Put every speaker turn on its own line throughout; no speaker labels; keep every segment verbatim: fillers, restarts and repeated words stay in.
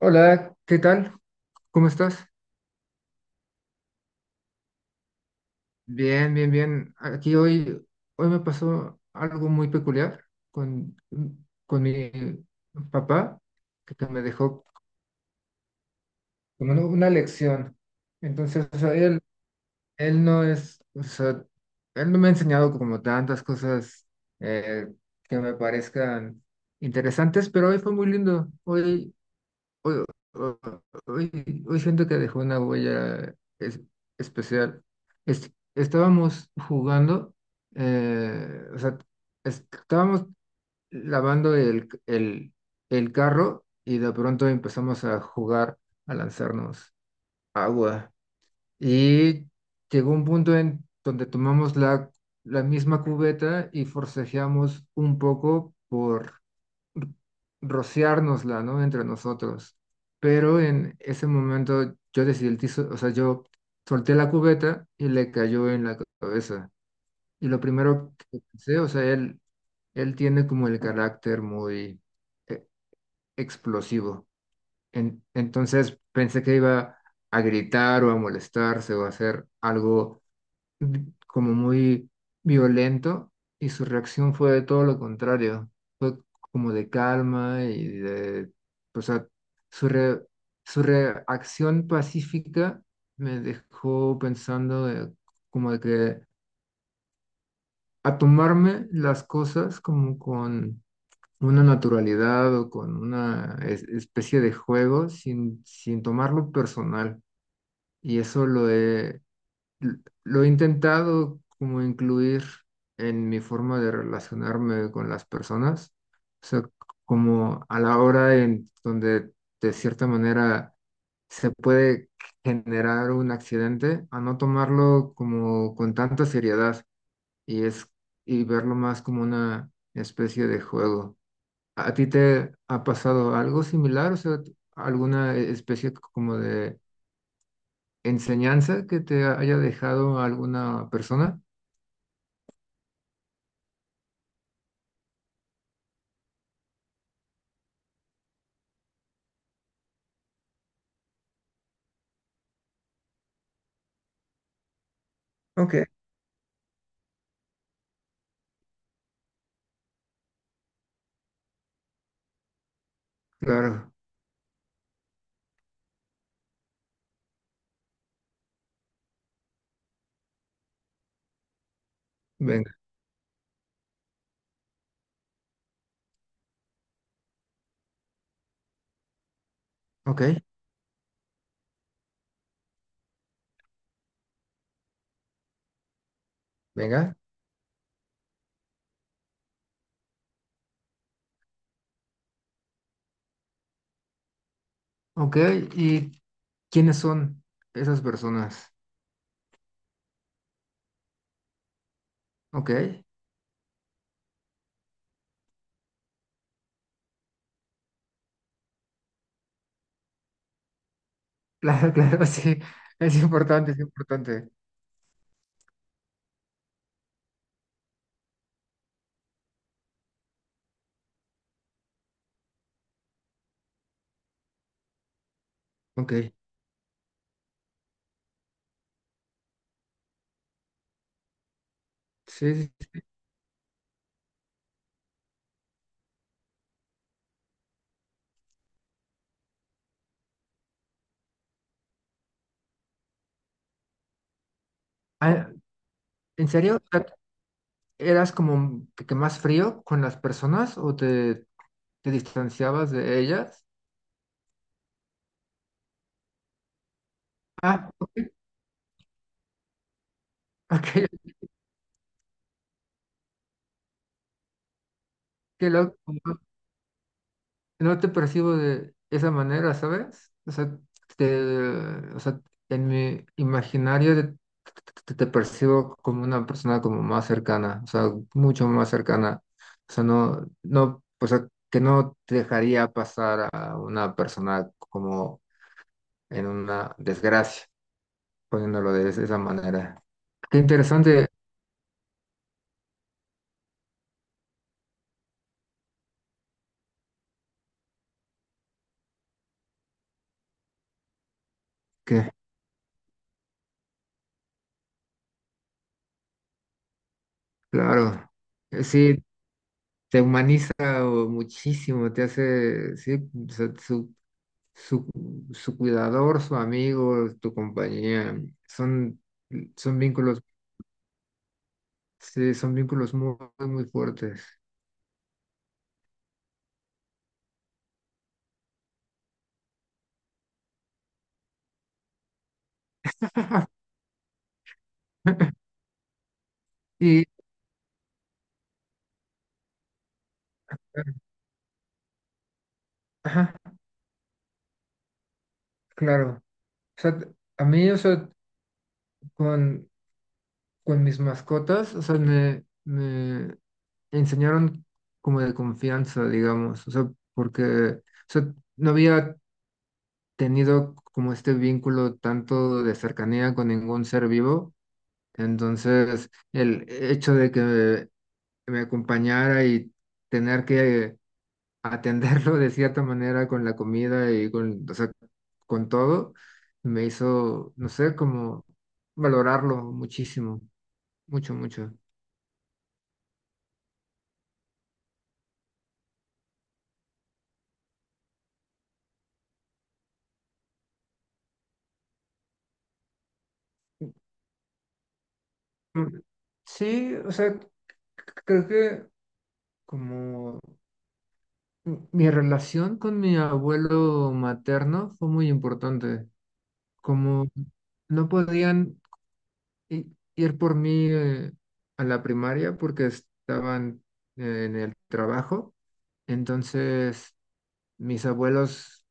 Hola, ¿qué tal? ¿Cómo estás? Bien, bien, bien. Aquí hoy, hoy me pasó algo muy peculiar con, con mi papá, que, que me dejó como una, una lección. Entonces, o sea, él, él no es, o sea, él no me ha enseñado como tantas cosas eh, que me parezcan interesantes, pero hoy fue muy lindo. Hoy Hoy, hoy- hoy- Siento que dejó una huella es- especial. Es- estábamos jugando, eh, o sea, estábamos lavando el, el, el carro y de pronto empezamos a jugar, a lanzarnos agua. Y llegó un punto en donde tomamos la, la misma cubeta y forcejeamos un poco por r- rociárnosla, ¿no? Entre nosotros. Pero en ese momento yo desilti, o sea, yo solté la cubeta y le cayó en la cabeza. Y lo primero que pensé, o sea, él, él tiene como el carácter muy eh, explosivo. En- entonces pensé que iba a gritar o a molestarse o a hacer algo vi- como muy violento y su reacción fue de todo lo contrario, fue como de calma y de, o sea, su, re- su reacción pacífica me dejó pensando de- como de que a tomarme las cosas como con una naturalidad o con una es- especie de juego sin, sin tomarlo personal. Y eso lo he L- lo he intentado como incluir en mi forma de relacionarme con las personas, o sea, c- como a la hora en donde de cierta manera se puede generar un accidente, a no tomarlo como con tanta seriedad y es y verlo más como una especie de juego. ¿A ti te ha pasado algo similar? O sea, t- ¿alguna especie como de enseñanza que te haya dejado alguna persona? Ok, claro. Venga, ok, venga. Ok, ¿y quiénes son esas personas? Ok, claro, claro, sí. Es importante, es importante. Ok, sí, sí, sí. Ah, ¿en serio? O sea, ¿eras como que, que más frío con las personas o te, te distanciabas de ellas? Ah, ok, ok, qué loco. No te percibo de esa manera, ¿sabes? O sea, te, o sea, en mi imaginario de- te, te percibo como una persona como más cercana, o sea, mucho más cercana. O sea, no, no, o sea, que no te dejaría pasar a una persona como en una desgracia, poniéndolo de es- esa manera. Qué interesante que, claro, eh, sí, te humaniza o muchísimo, te hace, sí, o sea, su- su, su cuidador, su amigo, tu compañía. Son, son vínculos, sí, son vínculos muy, muy fuertes. Y, ajá, claro. O sea, t- a mí, o sea, con, con mis mascotas, o sea, me, me enseñaron como de confianza, digamos, o sea, porque, o sea, no había tenido como este vínculo tanto de cercanía con ningún ser vivo, entonces el hecho de que que me acompañara y tener que atenderlo de cierta manera con la comida y con, o sea, con todo, me hizo, no sé, como valorarlo muchísimo, mucho, mucho. Mm, sí, o sea, creo que como m- mi relación con mi abuelo materno fue muy importante, como no podían i- ir por mí eh, a la primaria porque estaban eh, en el trabajo. Entonces, mis abuelos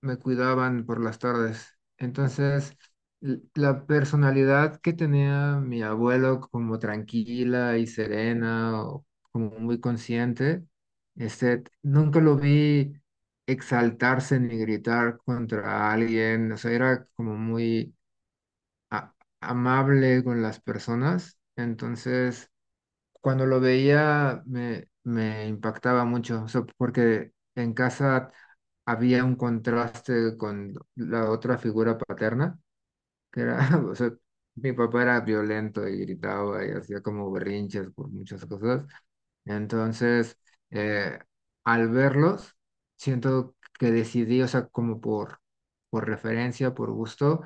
me cuidaban por las tardes. Entonces, l- la personalidad que tenía mi abuelo como tranquila y serena o como muy consciente, este, nunca lo vi exaltarse ni gritar contra alguien. O sea, era como muy a- amable con las personas. Entonces, cuando lo veía, me, me impactaba mucho, o sea, porque en casa había un contraste con la otra figura paterna, que era, o sea, mi papá era violento y gritaba y hacía como berrinches por muchas cosas. Entonces, eh, al verlos, siento que decidí, o sea, como por, por referencia, por gusto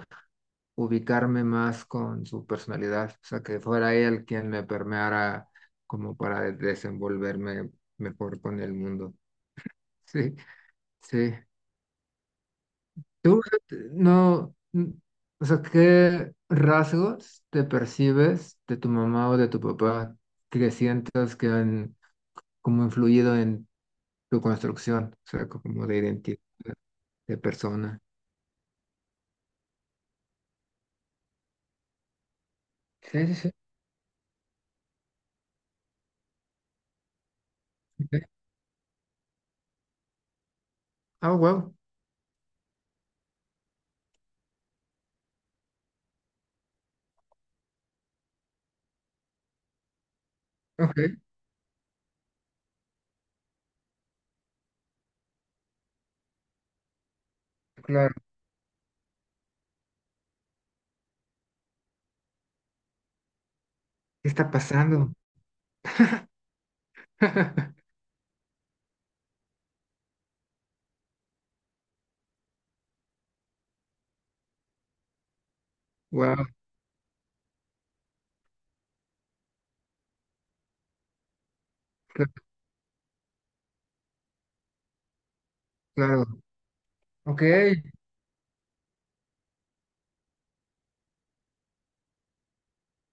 ubicarme más con su personalidad, o sea, que fuera él quien me permeara como para desenvolverme mejor con el mundo. Sí, sí. Tú no, n- o sea, ¿qué rasgos te percibes de tu mamá o de tu papá que sientas que han como influido en tu construcción, o sea, como de identidad de persona? Sí, sí, sí. Ok. Oh, wow. Ok, claro. ¿Qué está pasando? Wow. Claro, ok.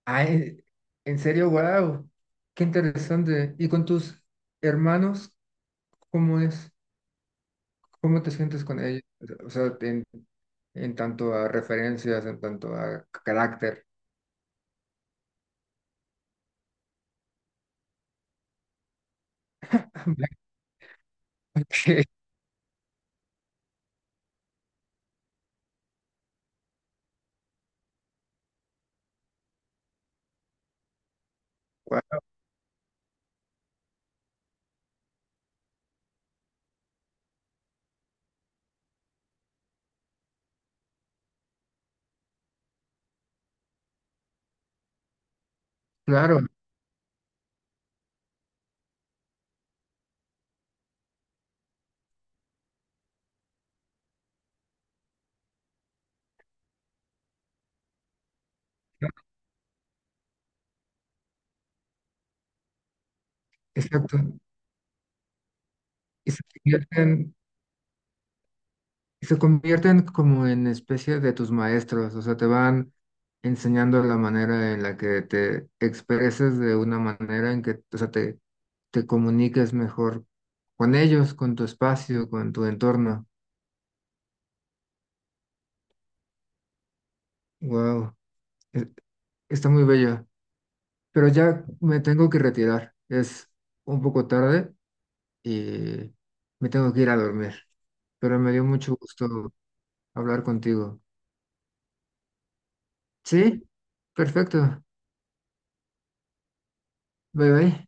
Ay, en serio, wow. Qué interesante. ¿Y con tus hermanos, cómo es? ¿Cómo te sientes con ellos? O sea, en, en tanto a referencias, en tanto a carácter. Ok, guau, claro, exacto. Y se convierten, se convierten como en especie de tus maestros, o sea, te van enseñando la manera en la que te expreses de una manera en que, o sea, te, te comuniques mejor con ellos, con tu espacio, con tu entorno. Wow, está muy bello. Pero ya me tengo que retirar. Es un poco tarde y me tengo que ir a dormir. Pero me dio mucho gusto hablar contigo. Sí, perfecto. Bye bye.